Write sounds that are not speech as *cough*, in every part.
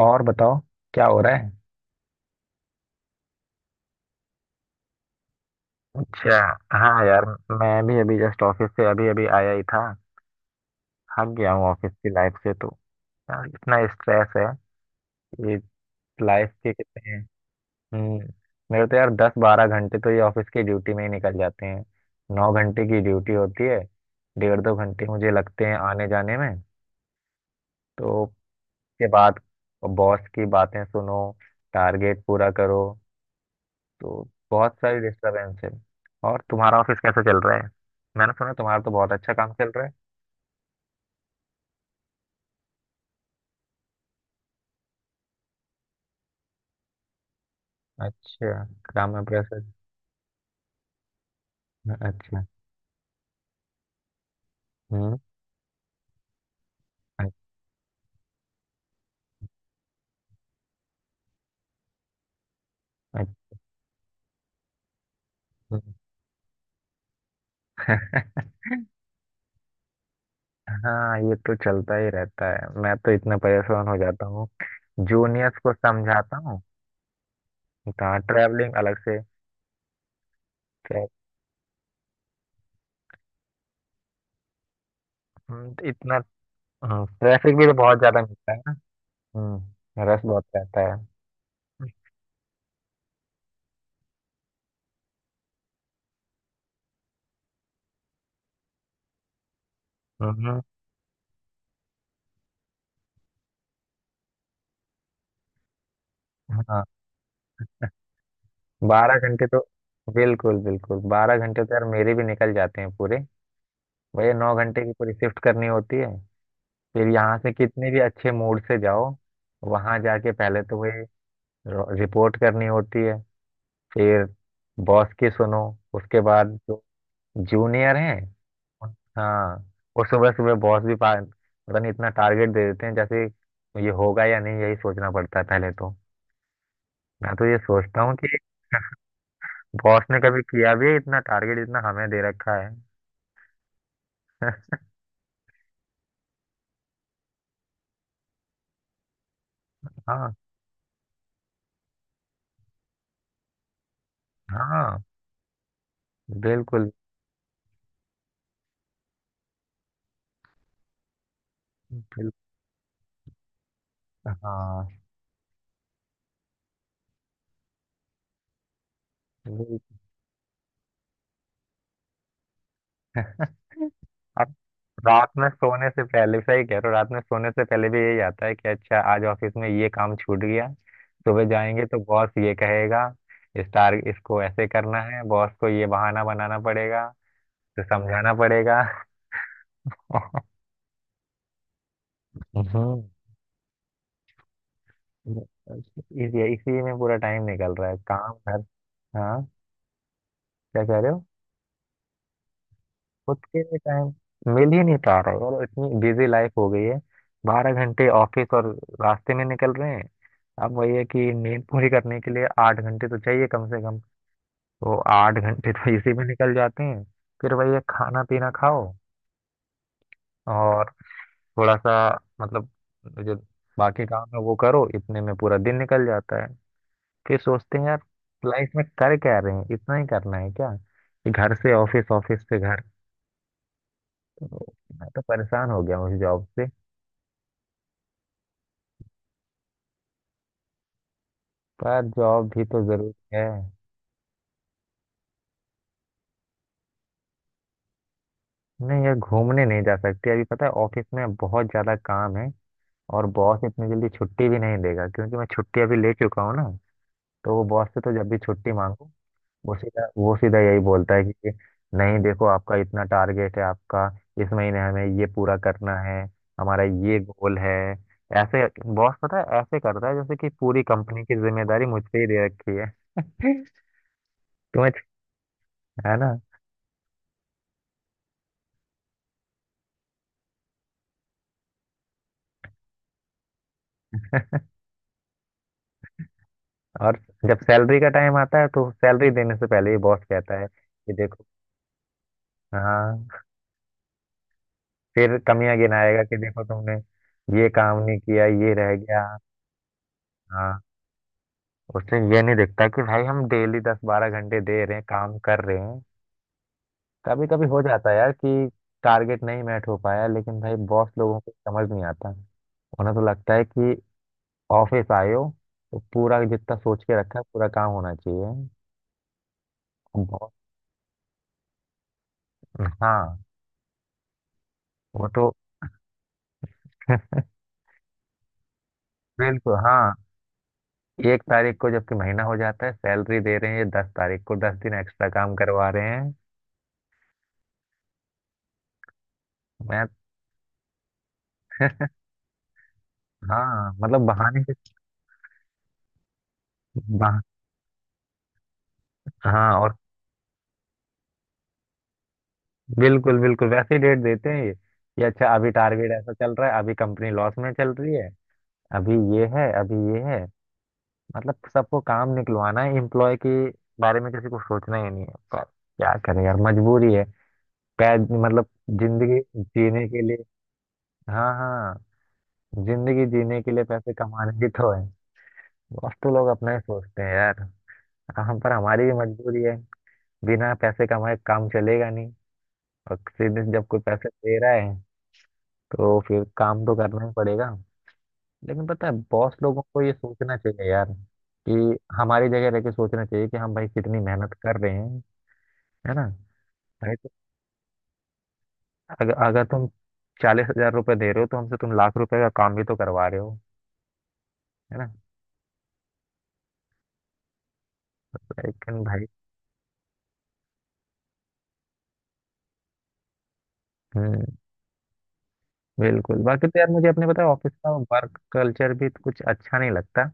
और बताओ, क्या हो रहा है। अच्छा। हाँ यार। मैं भी अभी जस्ट ऑफिस से अभी अभी आया ही था। थक गया हूँ ऑफिस की लाइफ से तो। यार इतना स्ट्रेस है। ये लाइफ के कितने। हम्म। मेरे तो यार 10-12 घंटे तो ये ऑफिस की ड्यूटी में ही निकल जाते हैं। 9 घंटे की ड्यूटी होती है। 1.5-2 घंटे मुझे लगते हैं आने जाने में। तो उसके बाद बॉस की बातें सुनो, टारगेट पूरा करो, तो बहुत सारी डिस्टरबेंस है। और तुम्हारा ऑफिस कैसे चल रहा है। मैंने सुना तुम्हारा तो बहुत अच्छा काम चल रहा है। अच्छा। काम में प्रेशर। अच्छा। हम्म। अच्छा। अच्छा। *laughs* हाँ ये तो चलता ही रहता है। मैं तो इतना परेशान हो जाता हूँ, जूनियर्स को समझाता हूँ। कहाँ ट्रैवलिंग अलग से। tra- तो इतना ट्रैफिक भी तो बहुत ज्यादा मिलता है ना। हम्म, रश बहुत रहता है। हम्म। हाँ। 12 घंटे तो बिल्कुल बिल्कुल 12 घंटे तो यार मेरे भी निकल जाते हैं पूरे। भैया 9 घंटे की पूरी शिफ्ट करनी होती है। फिर यहाँ से कितने भी अच्छे मूड से जाओ, वहाँ जाके पहले तो वही रिपोर्ट करनी होती है। फिर बॉस की सुनो, उसके बाद जो जूनियर हैं। हाँ। और सुबह सुबह बॉस भी पा पता नहीं इतना टारगेट दे देते हैं जैसे। ये होगा या नहीं यही सोचना पड़ता है पहले तो। मैं तो ये सोचता हूँ कि बॉस ने कभी किया भी है इतना टारगेट इतना हमें दे रखा है। हाँ। हाँ। बिल्कुल बिल्कुल। हाँ। वही। *laughs* अब रात में सोने से पहले सही कह रहे हो। रात में सोने से पहले भी यही आता है कि अच्छा आज ऑफिस में ये काम छूट गया। सुबह जाएंगे तो बॉस ये कहेगा स्टार इसको ऐसे करना है, बॉस को ये बहाना बनाना पड़ेगा, तो समझाना पड़ेगा। *laughs* हम्म। इस इसी में पूरा टाइम निकल रहा है काम घर। हाँ। क्या कह रहे हो। खुद के लिए टाइम मिल ही नहीं पा रहा है और इतनी बिजी लाइफ हो गई है। 12 घंटे ऑफिस और रास्ते में निकल रहे हैं। अब वही है कि नींद पूरी करने के लिए 8 घंटे तो चाहिए कम से कम। तो 8 घंटे तो इसी में निकल जाते हैं। फिर वही है, खाना पीना खाओ और थोड़ा सा मतलब जो बाकी काम है वो करो, इतने में पूरा दिन निकल जाता है। फिर सोचते हैं यार लाइफ में कर क्या रहे हैं, इतना ही करना है क्या कि घर से ऑफिस, ऑफिस से घर। मैं तो परेशान हो गया हूँ इस जॉब से। पर जॉब भी तो जरूरी है। नहीं यार, घूमने नहीं जा सकते अभी, पता है ऑफिस में बहुत ज्यादा काम है। और बॉस इतनी जल्दी छुट्टी भी नहीं देगा क्योंकि मैं छुट्टी अभी ले चुका हूँ ना। तो वो बॉस से तो जब भी छुट्टी मांगो वो सीधा यही बोलता है कि नहीं देखो, आपका इतना टारगेट है। आपका इस महीने हमें ये पूरा करना है, हमारा ये गोल है। ऐसे बॉस पता है ऐसे करता है जैसे कि पूरी कंपनी की जिम्मेदारी मुझ पे ही दे रखी है। *laughs* तुम्हें, है ना। और जब सैलरी का टाइम आता है तो सैलरी देने से पहले ही बॉस कहता है कि देखो। हाँ, फिर कमियां गिनाएगा कि देखो तुमने ये काम नहीं किया, ये रह गया। हाँ। उससे ये नहीं दिखता कि भाई हम डेली 10-12 घंटे दे रहे हैं काम कर रहे हैं। कभी कभी हो जाता है यार कि टारगेट नहीं मैट हो पाया, लेकिन भाई बॉस लोगों को समझ नहीं आता। उन्हें तो लगता है कि ऑफिस आए हो तो पूरा जितना सोच के रखा है पूरा काम होना चाहिए। बॉस। हाँ। वो तो बिल्कुल। हाँ। 1 तारीख को जबकि महीना हो जाता है सैलरी दे रहे हैं ये 10 तारीख को, 10 दिन एक्स्ट्रा काम करवा रहे हैं। मैं। हाँ मतलब बहाने से। बहा, हाँ और। बिल्कुल बिल्कुल वैसे ही डेट देते हैं ये कि अच्छा अभी टारगेट ऐसा चल रहा है, अभी कंपनी लॉस में चल रही है। अभी ये है, अभी ये है। मतलब सबको काम निकलवाना है, एम्प्लॉय के बारे में किसी को सोचना ही नहीं है। पर क्या करें यार, मजबूरी है। पैद मतलब जिंदगी जीने के लिए। हाँ हाँ। जिंदगी जीने के लिए पैसे कमाने भी तो है। बॉस तो लोग अपना ही सोचते हैं यार। हम पर हमारी भी मजबूरी है। बिना पैसे कमाए काम चलेगा नहीं। और सीधे जब कोई पैसे दे रहा है तो फिर काम तो करना ही पड़ेगा। लेकिन पता है बॉस लोगों को ये सोचना चाहिए यार कि हमारी जगह रह के सोचना चाहिए कि हम भाई कितनी मेहनत कर रहे हैं। है ना। भाई तो अगर अगर तुम 40,000 रुपये दे रहे हो तो हमसे तुम लाख रुपए का काम भी तो करवा रहे हो। है ना। लेकिन भाई। हम्म। बिल्कुल। बाकी तो यार मुझे अपने पता है ऑफिस का वर्क कल्चर भी तो कुछ अच्छा नहीं लगता,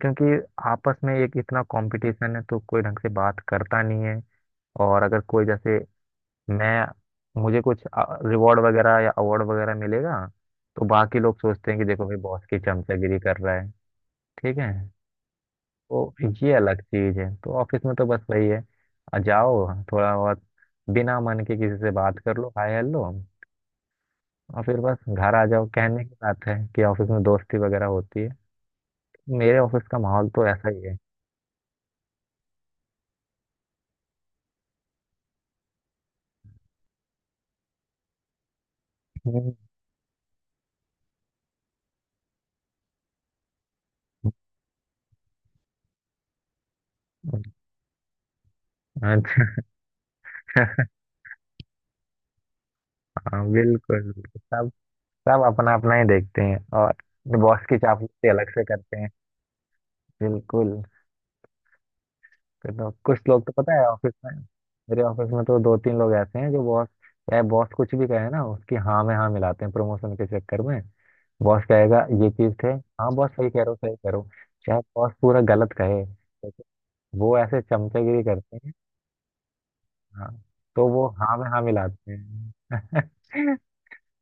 क्योंकि आपस में एक इतना कंपटीशन है तो कोई ढंग से बात करता नहीं है। और अगर कोई जैसे मैं मुझे कुछ रिवॉर्ड वगैरह या अवार्ड वगैरह मिलेगा तो बाकी लोग सोचते हैं कि देखो भाई बॉस की चमचागिरी कर रहा है। ठीक है। तो ये अलग चीज है, तो ऑफिस में तो बस वही है। आ, जाओ थोड़ा बहुत, बिना मन के किसी से बात कर लो, हाय हेलो, और फिर बस घर आ जाओ। कहने की बात है कि ऑफिस में दोस्ती वगैरह होती है। मेरे ऑफिस का माहौल तो ऐसा ही है। *laughs* हम्म। अच्छा। हाँ बिल्कुल। सब सब अपना अपना ही देखते हैं और बॉस की चापलूसी अलग से करते हैं। बिल्कुल। फिर तो कुछ लोग तो पता है ऑफिस में, मेरे ऑफिस में तो दो तीन लोग ऐसे हैं जो बॉस, चाहे बॉस कुछ भी कहे ना उसकी हाँ में हाँ मिलाते हैं प्रमोशन के चक्कर में। बॉस कहेगा ये चीज थे। हाँ बॉस सही कह रहे हो, सही कह रहे हो। चाहे बॉस पूरा गलत कहे, वो ऐसे चमचागिरी करते हैं। हाँ, तो वो हाँ में हाँ मिलाते हैं।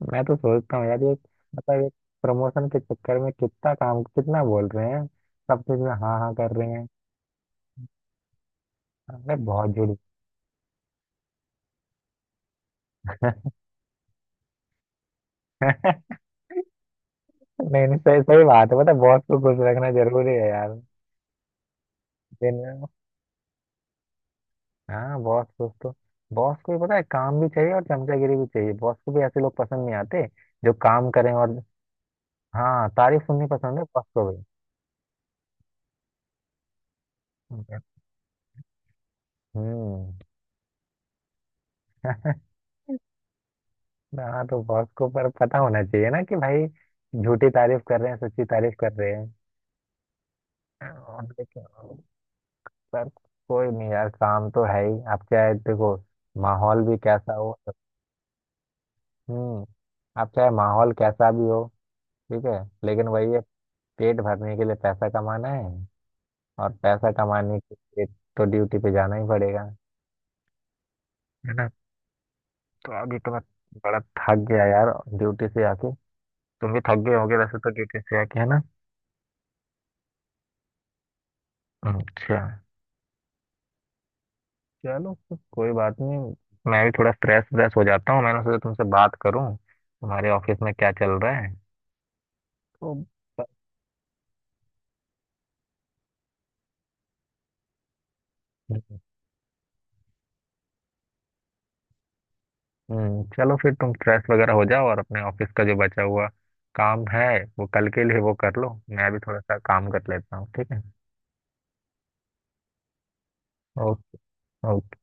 *laughs* मैं तो सोचता हूँ यार ये मतलब एक, प्रमोशन के चक्कर में कितना काम कितना बोल रहे हैं, सब चीज में हाँ हाँ कर रहे हैं। अरे बहुत जुड़ी। नहीं नहीं, सही सही बात है। पता है बॉस को खुश रखना जरूरी है यार। दिन में। हाँ बॉस खुश तो। बॉस को भी पता है काम भी चाहिए और चमचागिरी भी चाहिए। बॉस को भी ऐसे लोग पसंद नहीं आते जो काम करें और। हाँ तारीफ सुननी पसंद है बॉस को भी। हम्म। हाँ, तो बॉस को पर पता होना चाहिए ना कि भाई झूठी तारीफ कर रहे हैं सच्ची तारीफ कर रहे हैं। और देखो। पर कोई नहीं यार, काम तो है ही, आप चाहे देखो माहौल भी कैसा हो। हम्म। आप चाहे माहौल कैसा भी हो, ठीक है, लेकिन वही है पेट भरने के लिए पैसा कमाना है। और पैसा कमाने के लिए तो ड्यूटी पे जाना ही पड़ेगा। है ना। तो अभी तो मैं बड़ा थक गया यार ड्यूटी से आके। तुम भी थक गए होगे वैसे तो ड्यूटी से आके, है ना। अच्छा। चलो फिर कोई बात नहीं। मैं भी थोड़ा स्ट्रेस व्रेस हो जाता हूँ, मैंने सोचा तुमसे बात करूँ तुम्हारे ऑफिस में क्या चल रहा है। तो। ब- चलो फिर तुम फ्रेश वगैरह हो जाओ और अपने ऑफिस का जो बचा हुआ काम है वो कल के लिए वो कर लो। मैं भी थोड़ा सा काम कर लेता हूँ, ठीक है। ओ- ओके।